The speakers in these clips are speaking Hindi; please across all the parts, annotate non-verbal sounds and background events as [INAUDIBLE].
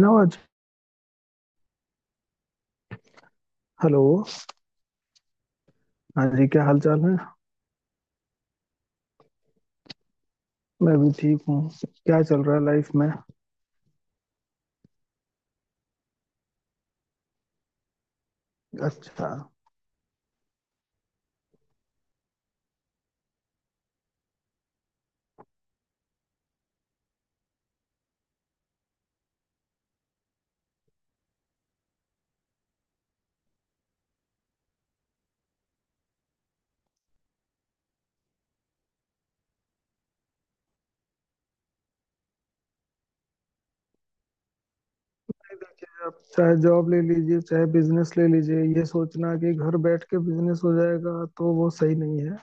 ना आज। हेलो। हाँ जी, क्या हाल चाल है? मैं भी ठीक हूँ। क्या चल रहा है लाइफ में? अच्छा, नहीं। देखिए, आप चाहे जॉब ले लीजिए चाहे बिजनेस ले लीजिए, ये सोचना कि घर बैठ के बिजनेस हो जाएगा तो वो सही नहीं है।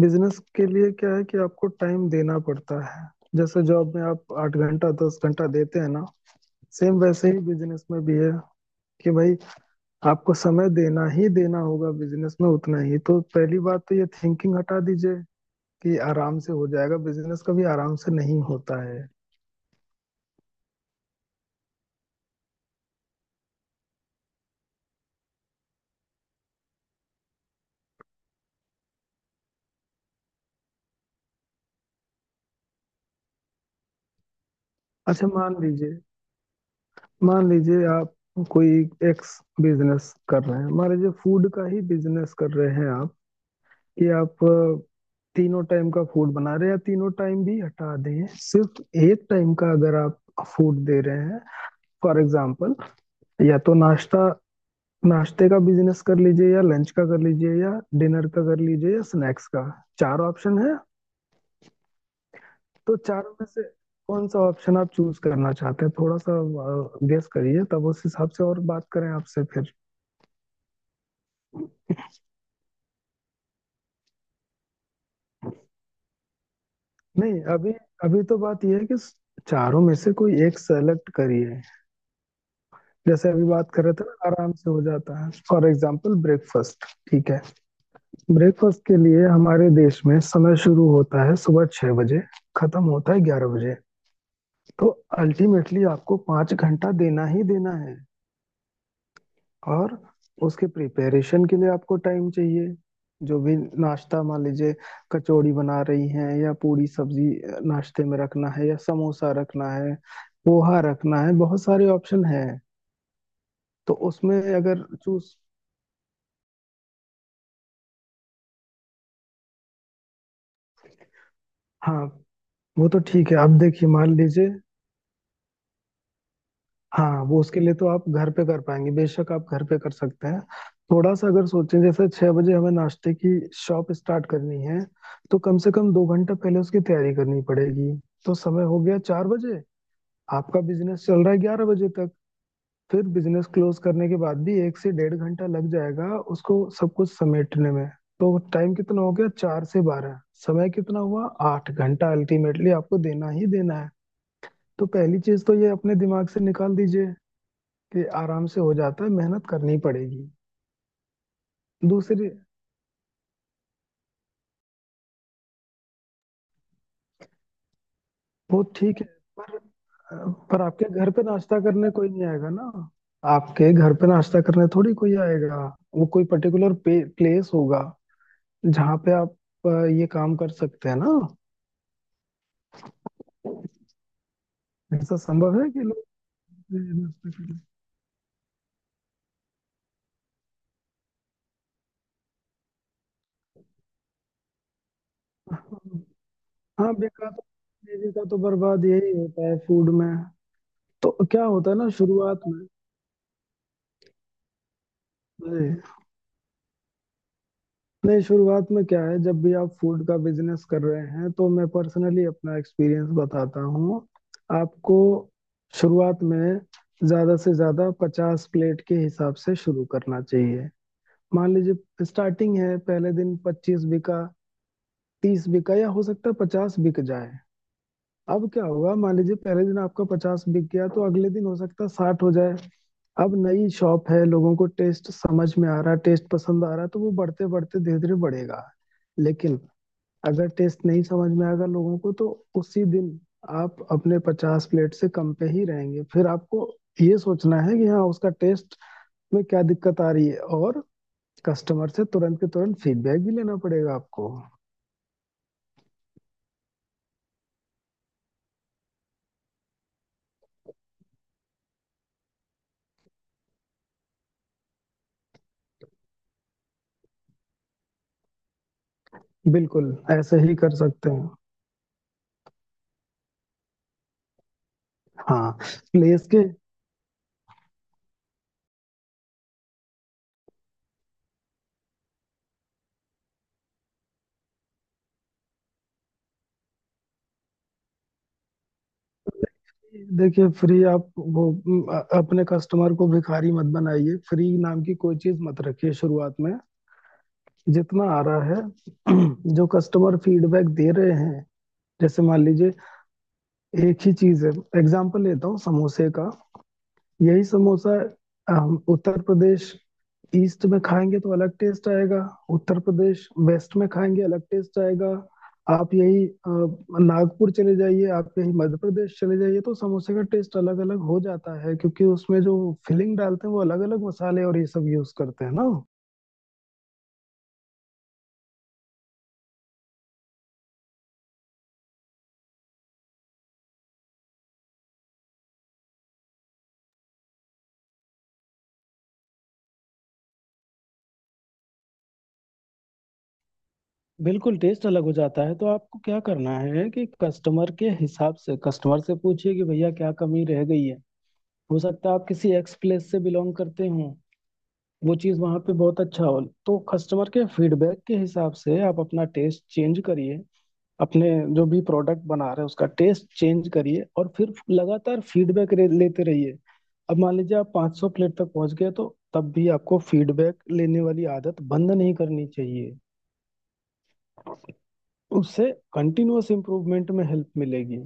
बिजनेस के लिए क्या है कि आपको टाइम देना पड़ता है। जैसे जॉब में आप आठ घंटा दस घंटा देते हैं ना, सेम वैसे ही बिजनेस में भी है कि भाई, आपको समय देना ही देना होगा बिजनेस में उतना ही। तो पहली बात तो ये थिंकिंग हटा दीजिए कि आराम से हो जाएगा। बिजनेस कभी आराम से नहीं होता है। अच्छा, मान लीजिए आप कोई एक्स बिजनेस कर रहे हैं, मान लीजिए फूड का ही बिजनेस कर रहे हैं आप। कि आप तीनों टाइम का फूड बना रहे हैं या तीनों टाइम भी हटा दें, सिर्फ एक टाइम का अगर आप फूड दे रहे हैं। फॉर एग्जाम्पल, या तो नाश्ता, नाश्ते का बिजनेस कर लीजिए, या लंच का कर लीजिए, या डिनर का कर लीजिए, या स्नैक्स का। चार ऑप्शन है। तो चारों में से कौन सा ऑप्शन आप चूज करना चाहते हैं, थोड़ा सा गेस करिए, तब उस हिसाब से और बात करें आपसे फिर। नहीं, अभी अभी तो बात यह है कि चारों में से कोई एक सेलेक्ट करिए। जैसे अभी बात कर रहे थे ना, आराम से हो जाता है। For example breakfast. ठीक है, ब्रेकफास्ट के लिए हमारे देश में समय शुरू होता है सुबह छह बजे, खत्म होता है ग्यारह बजे। तो अल्टीमेटली आपको पाँच घंटा देना ही देना है। और उसके प्रिपरेशन के लिए आपको टाइम चाहिए, जो भी नाश्ता, मान लीजिए कचौड़ी बना रही हैं, या पूरी सब्जी नाश्ते में रखना है, या समोसा रखना है, पोहा रखना है, बहुत सारे ऑप्शन हैं। तो उसमें अगर चूज, हाँ वो तो ठीक है। आप देखिए, मान लीजिए, हाँ वो उसके लिए तो आप घर पे कर पाएंगे, बेशक आप घर पे कर सकते हैं। थोड़ा सा अगर सोचें, जैसे छह बजे हमें नाश्ते की शॉप स्टार्ट करनी है, तो कम से कम दो घंटा पहले उसकी तैयारी करनी पड़ेगी। तो समय हो गया चार बजे। आपका बिजनेस चल रहा है ग्यारह बजे तक। फिर बिजनेस क्लोज करने के बाद भी एक से डेढ़ घंटा लग जाएगा उसको सब कुछ समेटने में। तो टाइम कितना हो गया, चार से बारह। समय कितना हुआ, आठ घंटा। अल्टीमेटली आपको देना ही देना है। तो पहली चीज तो ये अपने दिमाग से निकाल दीजिए कि आराम से हो जाता है। मेहनत करनी पड़ेगी। दूसरी, वो ठीक है, पर पर आपके घर पे नाश्ता करने कोई नहीं आएगा ना। आपके घर पे नाश्ता करने थोड़ी कोई आएगा। वो कोई पर्टिकुलर प्लेस होगा, जहाँ पे आप अ, ये काम कर सकते हैं ना। ऐसा संभव है कि लोग नाश्ता करें? हाँ, बेकार तो, जीविका तो बर्बाद यही होता है फूड में। तो क्या होता है ना शुरुआत में, नहीं शुरुआत में क्या है, जब भी आप फूड का बिजनेस कर रहे हैं तो मैं पर्सनली अपना एक्सपीरियंस बताता हूँ आपको। शुरुआत में ज्यादा से ज्यादा पचास प्लेट के हिसाब से शुरू करना चाहिए। मान लीजिए स्टार्टिंग है, पहले दिन पच्चीस बिका, तीस बिका, या हो सकता है पचास बिक जाए। अब क्या हुआ, मान लीजिए पहले दिन आपका पचास बिक गया तो अगले दिन हो सकता है साठ हो जाए। अब नई शॉप है, लोगों को टेस्ट समझ में आ रहा है, टेस्ट पसंद आ रहा है, तो वो बढ़ते बढ़ते धीरे धीरे बढ़ेगा। लेकिन अगर टेस्ट नहीं समझ में आएगा लोगों को, तो उसी दिन आप अपने पचास प्लेट से कम पे ही रहेंगे। फिर आपको ये सोचना है कि हाँ, उसका टेस्ट में क्या दिक्कत आ रही है, और कस्टमर से तुरंत के तुरंत फीडबैक भी लेना पड़ेगा आपको। बिल्कुल ऐसे ही कर सकते हैं। हाँ, प्लेस के, देखिए फ्री आप वो अपने कस्टमर को भिखारी मत बनाइए। फ्री नाम की कोई चीज मत रखिए शुरुआत में। जितना आ रहा है [CLEARS THROAT] जो कस्टमर फीडबैक दे रहे हैं, जैसे मान लीजिए एक ही चीज है, एग्जांपल लेता हूँ समोसे का। यही समोसा हम उत्तर प्रदेश ईस्ट में खाएंगे तो अलग टेस्ट आएगा, उत्तर प्रदेश वेस्ट में खाएंगे अलग टेस्ट आएगा। आप यही नागपुर चले जाइए, आप यही मध्य प्रदेश चले जाइए, तो समोसे का टेस्ट अलग अलग हो जाता है, क्योंकि उसमें जो फिलिंग डालते हैं वो अलग अलग मसाले और ये सब यूज करते हैं ना। बिल्कुल, टेस्ट अलग हो जाता है। तो आपको क्या करना है कि कस्टमर के हिसाब से, कस्टमर से पूछिए कि भैया क्या कमी रह गई है। हो सकता है आप किसी एक्स प्लेस से बिलोंग करते हो, वो चीज़ वहाँ पे बहुत अच्छा हो। तो कस्टमर के फीडबैक के हिसाब से आप अपना टेस्ट चेंज करिए, अपने जो भी प्रोडक्ट बना रहे हैं उसका टेस्ट चेंज करिए, और फिर लगातार फीडबैक लेते रहिए। अब मान लीजिए आप 500 प्लेट तक पहुंच गए, तो तब भी आपको फीडबैक लेने वाली आदत बंद नहीं करनी चाहिए। उससे कंटिन्यूअस इम्प्रूवमेंट में हेल्प मिलेगी।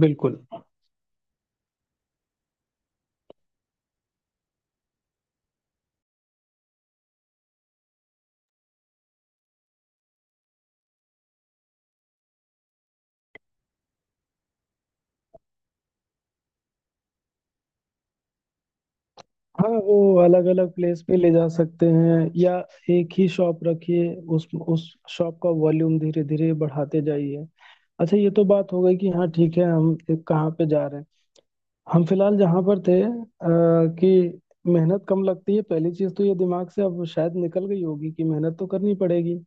बिल्कुल। हाँ वो अलग अलग प्लेस पे ले जा सकते हैं, या एक ही शॉप रखिए, उस शॉप का वॉल्यूम धीरे धीरे बढ़ाते जाइए। अच्छा, ये तो बात हो गई कि हाँ ठीक है, हम एक कहाँ पे जा रहे हैं। हम फिलहाल जहाँ पर थे कि मेहनत कम लगती है, पहली चीज तो ये दिमाग से अब शायद निकल गई होगी कि मेहनत तो करनी पड़ेगी।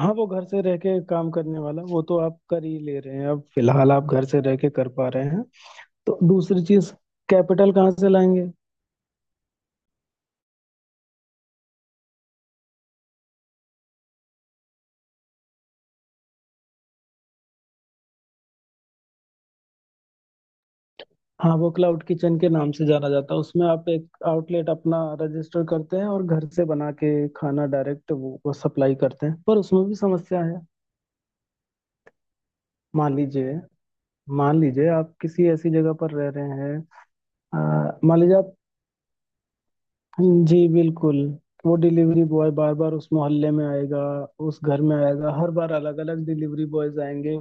हाँ, वो घर से रह के काम करने वाला, वो तो आप कर ही ले रहे हैं, अब फिलहाल आप घर से रह के कर पा रहे हैं। तो दूसरी चीज, कैपिटल कहाँ से लाएंगे? हाँ, वो क्लाउड किचन के नाम से जाना जाता है। उसमें आप एक आउटलेट अपना रजिस्टर करते हैं और घर से बना के खाना डायरेक्ट वो सप्लाई करते हैं। पर उसमें भी समस्या है। मान लीजिए मान लीजिए आप किसी ऐसी जगह पर रह रहे हैं, मान लीजिए आप, जी बिल्कुल, वो डिलीवरी बॉय बार बार उस मोहल्ले में आएगा, उस घर में आएगा। हर बार अलग अलग डिलीवरी बॉयज आएंगे।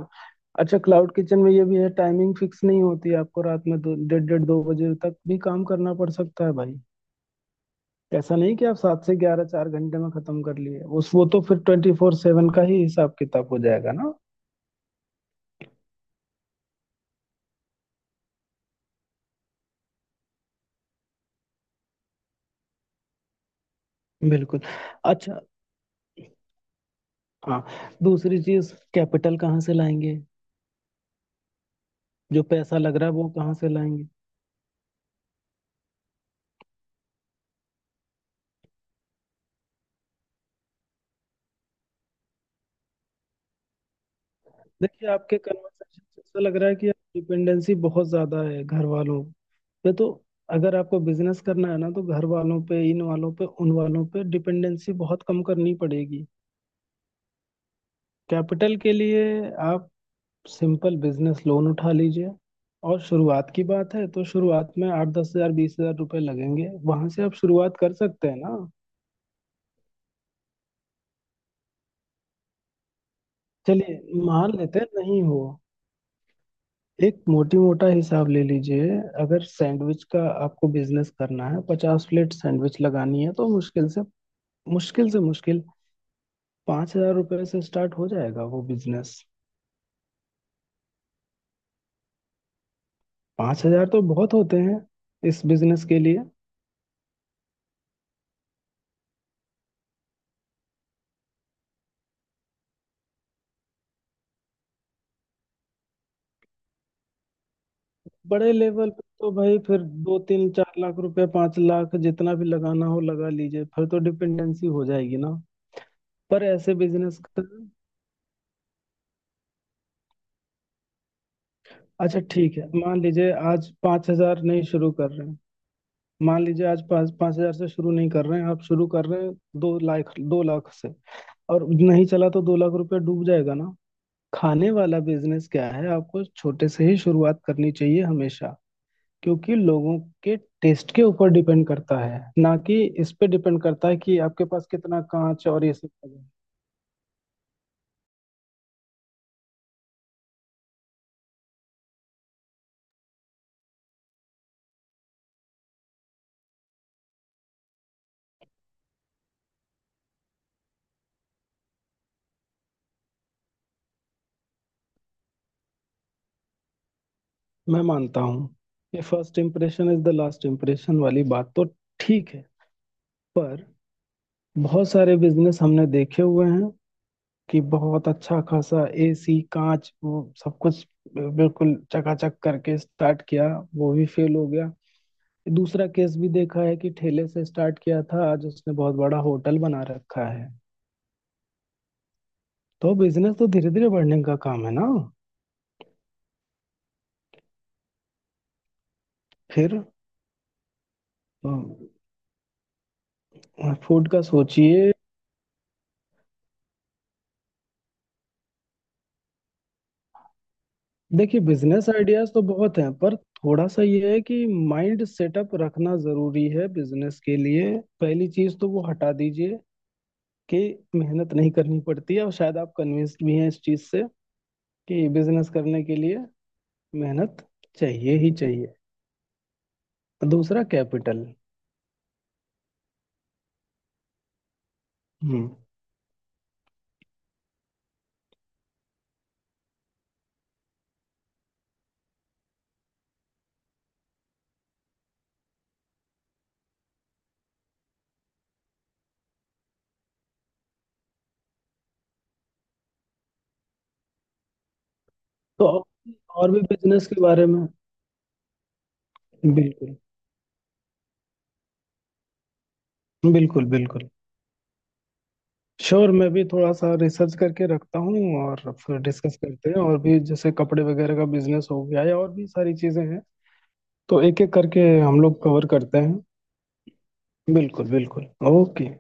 अच्छा, क्लाउड किचन में ये भी है, टाइमिंग फिक्स नहीं होती है। आपको रात में दो डेढ़ डेढ़ दो बजे तक भी काम करना पड़ सकता है भाई। ऐसा नहीं कि आप सात से ग्यारह चार घंटे में खत्म कर लिए, उस वो तो फिर ट्वेंटी फोर सेवन का ही हिसाब किताब हो जाएगा ना। बिल्कुल। अच्छा, हाँ, दूसरी चीज कैपिटल कहाँ से लाएंगे, जो पैसा लग रहा है वो कहाँ से लाएंगे। देखिए, आपके कन्वर्सेशन से ऐसा लग रहा है कि डिपेंडेंसी बहुत ज्यादा है घर वालों पे। तो अगर आपको बिजनेस करना है ना, तो घर वालों पे, इन वालों पे, उन वालों पे डिपेंडेंसी बहुत कम करनी पड़ेगी। कैपिटल के लिए आप सिंपल बिजनेस लोन उठा लीजिए। और शुरुआत की बात है तो शुरुआत में आठ दस हजार, बीस हजार रुपये लगेंगे, वहां से आप शुरुआत कर सकते हैं ना। चलिए मान लेते हैं नहीं हो, एक मोटी मोटा हिसाब ले लीजिए। अगर सैंडविच का आपको बिजनेस करना है, पचास प्लेट सैंडविच लगानी है, तो मुश्किल से, मुश्किल से मुश्किल पाँच हजार रुपये से स्टार्ट हो जाएगा वो बिजनेस। पाँच हजार तो बहुत होते हैं इस बिजनेस के लिए। बड़े लेवल पे तो भाई फिर दो तीन चार लाख रुपए, पांच लाख, जितना भी लगाना हो लगा लीजिए, फिर तो डिपेंडेंसी हो जाएगी ना। पर ऐसे बिजनेस का, अच्छा ठीक है, मान लीजिए आज पांच हजार नहीं शुरू कर रहे हैं, मान लीजिए आज पाँच पाँच हजार से शुरू नहीं कर रहे हैं आप, शुरू कर रहे हैं दो लाख से, और नहीं चला तो दो लाख रुपया डूब जाएगा ना। खाने वाला बिजनेस क्या है, आपको छोटे से ही शुरुआत करनी चाहिए हमेशा, क्योंकि लोगों के टेस्ट के ऊपर डिपेंड करता है ना, कि इस पे डिपेंड करता है कि आपके पास कितना कांच और ये सब है। मैं मानता हूँ, ये first impression is the last impression वाली बात तो ठीक है। पर बहुत सारे बिजनेस हमने देखे हुए हैं कि बहुत अच्छा खासा एसी, कांच, वो सब कुछ बिल्कुल चकाचक करके स्टार्ट किया, वो भी फेल हो गया। दूसरा केस भी देखा है कि ठेले से स्टार्ट किया था, आज उसने बहुत बड़ा होटल बना रखा है। तो बिजनेस तो धीरे धीरे बढ़ने का काम है ना। फिर फूड का सोचिए। देखिए बिजनेस आइडियाज तो बहुत हैं, पर थोड़ा सा ये है कि माइंड सेटअप रखना जरूरी है बिजनेस के लिए। पहली चीज तो वो हटा दीजिए कि मेहनत नहीं करनी पड़ती है, और शायद आप कन्विंस्ड भी हैं इस चीज से कि बिजनेस करने के लिए मेहनत चाहिए ही चाहिए। दूसरा कैपिटल। हम्म, तो और भी बिजनेस के बारे में, बिल्कुल, बिल्कुल बिल्कुल। श्योर, मैं भी थोड़ा सा रिसर्च करके रखता हूँ, और फिर डिस्कस करते हैं, और भी जैसे कपड़े वगैरह का बिजनेस हो गया, या और भी सारी चीजें हैं। तो एक एक करके हम लोग कवर करते हैं। बिल्कुल बिल्कुल। ओके।